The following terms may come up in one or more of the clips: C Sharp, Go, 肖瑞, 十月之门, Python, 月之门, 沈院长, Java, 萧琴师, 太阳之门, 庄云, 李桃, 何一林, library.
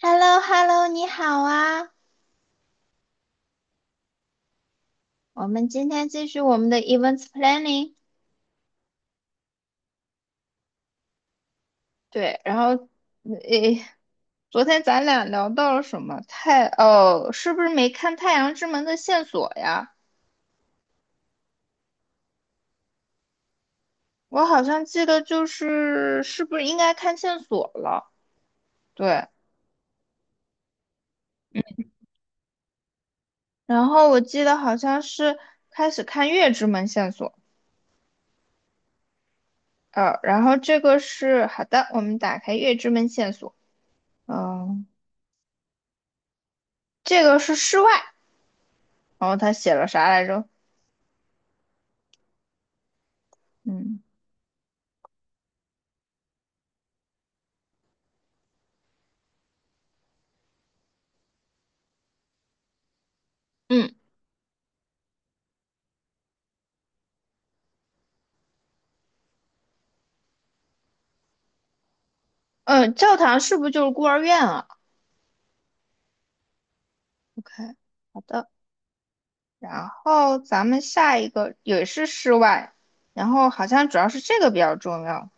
h e l l o h e l l o 你好啊！我们今天继续我们的 events planning。对，然后，诶，昨天咱俩聊到了什么？太，哦，是不是没看《太阳之门》的线索呀？我好像记得就是，是不是应该看线索了？对，然后我记得好像是开始看月之门线索，然后这个是，好的，我们打开月之门线索，嗯、这个是室外，然后他写了啥来着？嗯嗯。嗯，教堂是不是就是孤儿院啊？OK，好的。然后咱们下一个也是室外，然后好像主要是这个比较重要。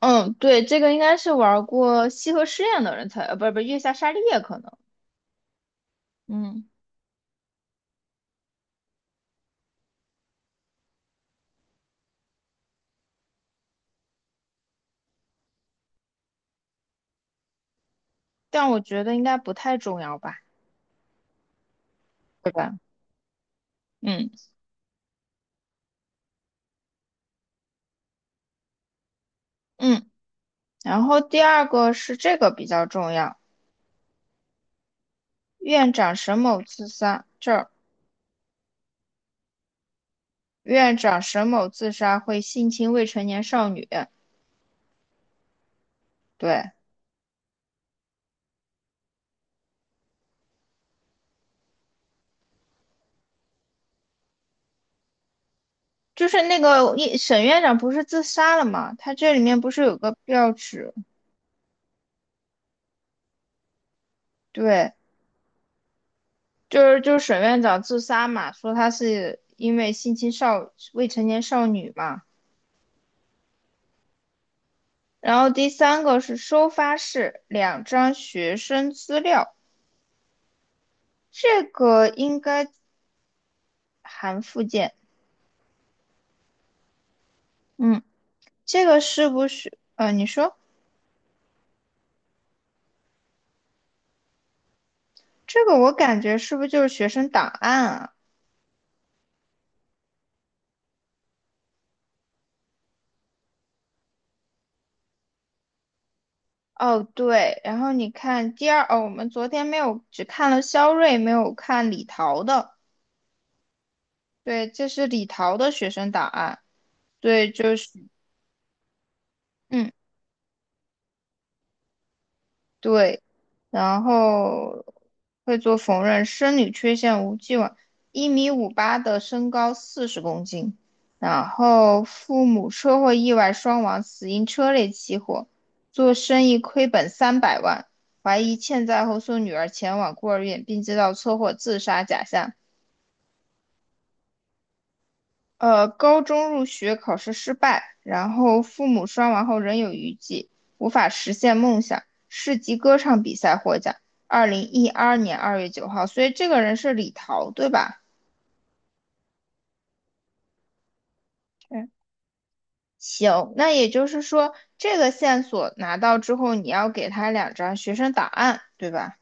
嗯，对，这个应该是玩过西河试验的人才，不是月下沙利叶可能，嗯，但我觉得应该不太重要吧，对吧？嗯嗯。然后第二个是这个比较重要，院长沈某自杀，这儿院长沈某自杀会性侵未成年少女，对。就是那个一沈院长不是自杀了嘛？他这里面不是有个标志？对，就是沈院长自杀嘛，说他是因为性侵少未成年少女嘛。然后第三个是收发室两张学生资料，这个应该含附件。嗯，这个是不是？你说这个我感觉是不是就是学生档案啊？哦，对，然后你看第二，哦，我们昨天没有，只看了肖瑞，没有看李桃的。对，这是李桃的学生档案。对，就是，嗯，对，然后会做缝纫，生理缺陷无既往，1.58的身高，40公斤。然后父母车祸意外双亡，死因车内起火，做生意亏本300万，怀疑欠债后送女儿前往孤儿院，并制造车祸自杀假象。高中入学考试失败，然后父母双亡后仍有余悸，无法实现梦想。市级歌唱比赛获奖，2012年2月9号。所以这个人是李桃，对吧？嗯，行，那也就是说，这个线索拿到之后，你要给他两张学生档案，对吧？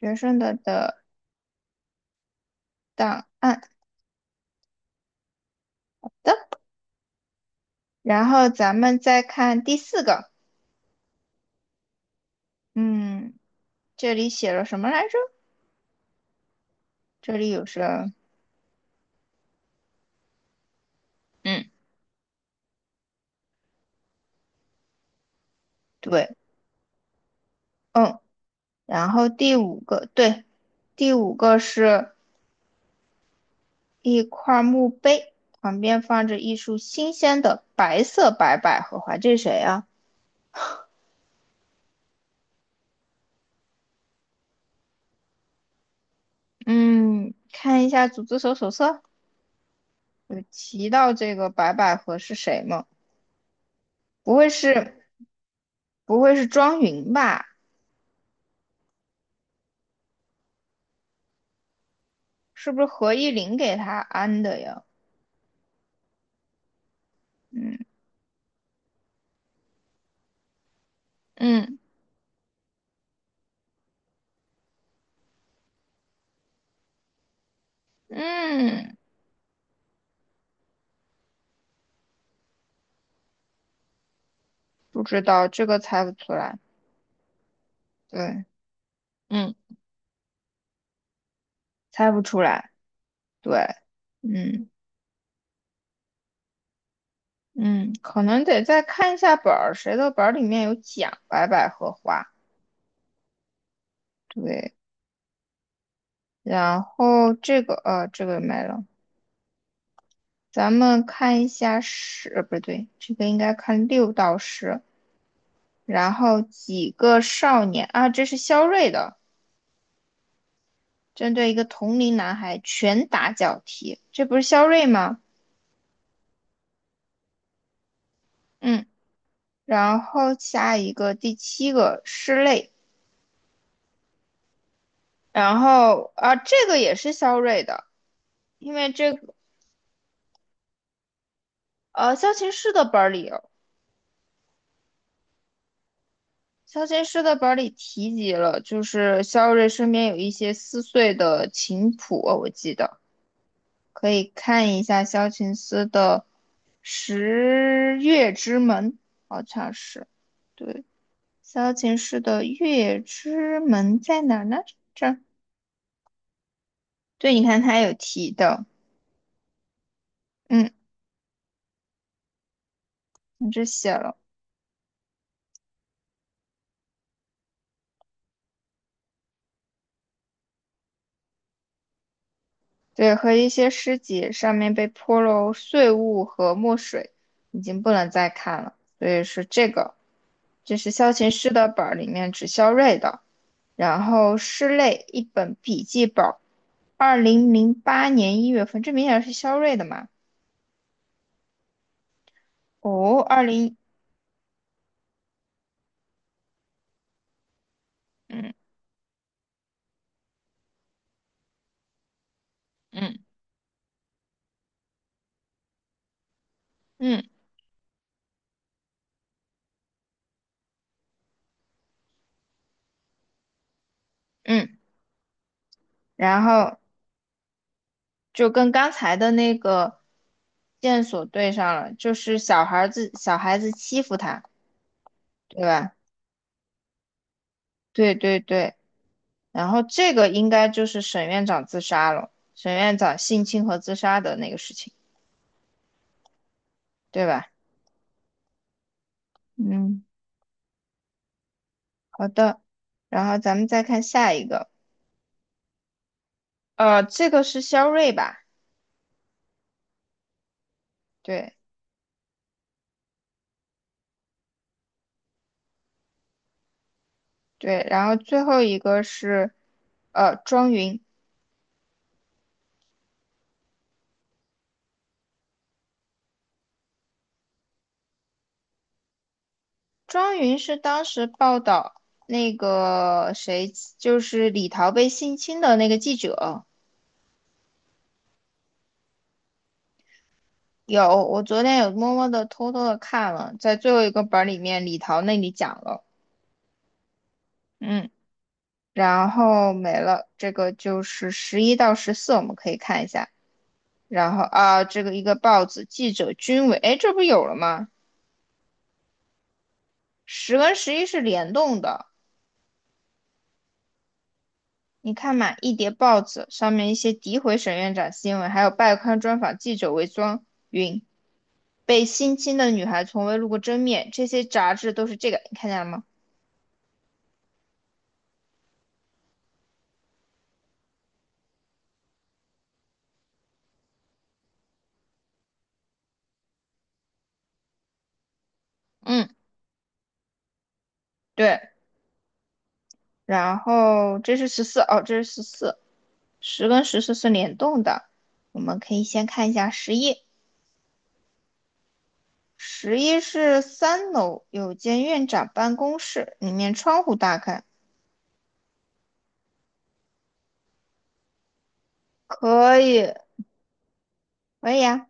学生的档案的。然后咱们再看第四个，嗯，这里写了什么来着？这里有什嗯，对。嗯。然后第五个，对，第五个是一块墓碑，旁边放着一束新鲜的白百合花。这是谁啊？嗯，看一下组织手册，有提到这个白百合是谁吗？不会是不会是庄云吧？是不是何一林给他安的呀？嗯嗯嗯，不知道，这个猜不出来。对，嗯，猜不出来。对，嗯。嗯，可能得再看一下本儿，谁的本儿里面有讲白百合花，对，然后这个没了，咱们看一下十，不对，这个应该看六到十，然后几个少年啊，这是肖瑞的，针对一个同龄男孩拳打脚踢，这不是肖瑞吗？嗯，然后下一个第七个室内，然后啊这个也是肖瑞的。因为这个萧琴师的本儿里肖琴诗的本里提及了，就是萧瑞身边有一些撕碎的琴谱，我记得可以看一下萧琴斯的《十月之门》，好像是对萧琴师的《月之门》在哪儿呢？这儿，对，你看他有提的，嗯，你这写了，对，和一些诗集上面被泼了碎物和墨水，已经不能再看了，所以是这个。就是萧琴师的本儿里面只萧锐的，然后师类一本笔记本儿，2008年1月份，这明显是萧锐的嘛？哦，二零，嗯嗯嗯嗯，然后就跟刚才的那个线索对上了，就是小孩子欺负他，对吧？对对对，然后这个应该就是沈院长自杀了，沈院长性侵和自杀的那个事情，对吧？嗯。好的，然后咱们再看下一个，这个是肖瑞吧？对对，然后最后一个是，庄云，庄云是当时报道那个谁，就是李桃被性侵的那个记者。有，我昨天有默默的偷偷的看了，在最后一个本儿里面，李桃那里讲了，嗯，然后没了，这个就是十一到十四，我们可以看一下。然后啊，这个一个报纸记者军委，哎，这不有了吗？十跟十一是联动的，你看嘛，一叠报纸上面一些诋毁沈院长新闻，还有拜刊专访记者为装云被性侵的女孩从未露过真面，这些杂志都是这个，你看见了吗？嗯，对。然后这是十四，哦，这是十四，十跟十四是联动的，我们可以先看一下十一。十一是三楼有间院长办公室，里面窗户大开，可以，可以啊，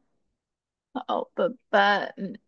好，拜拜，嗯。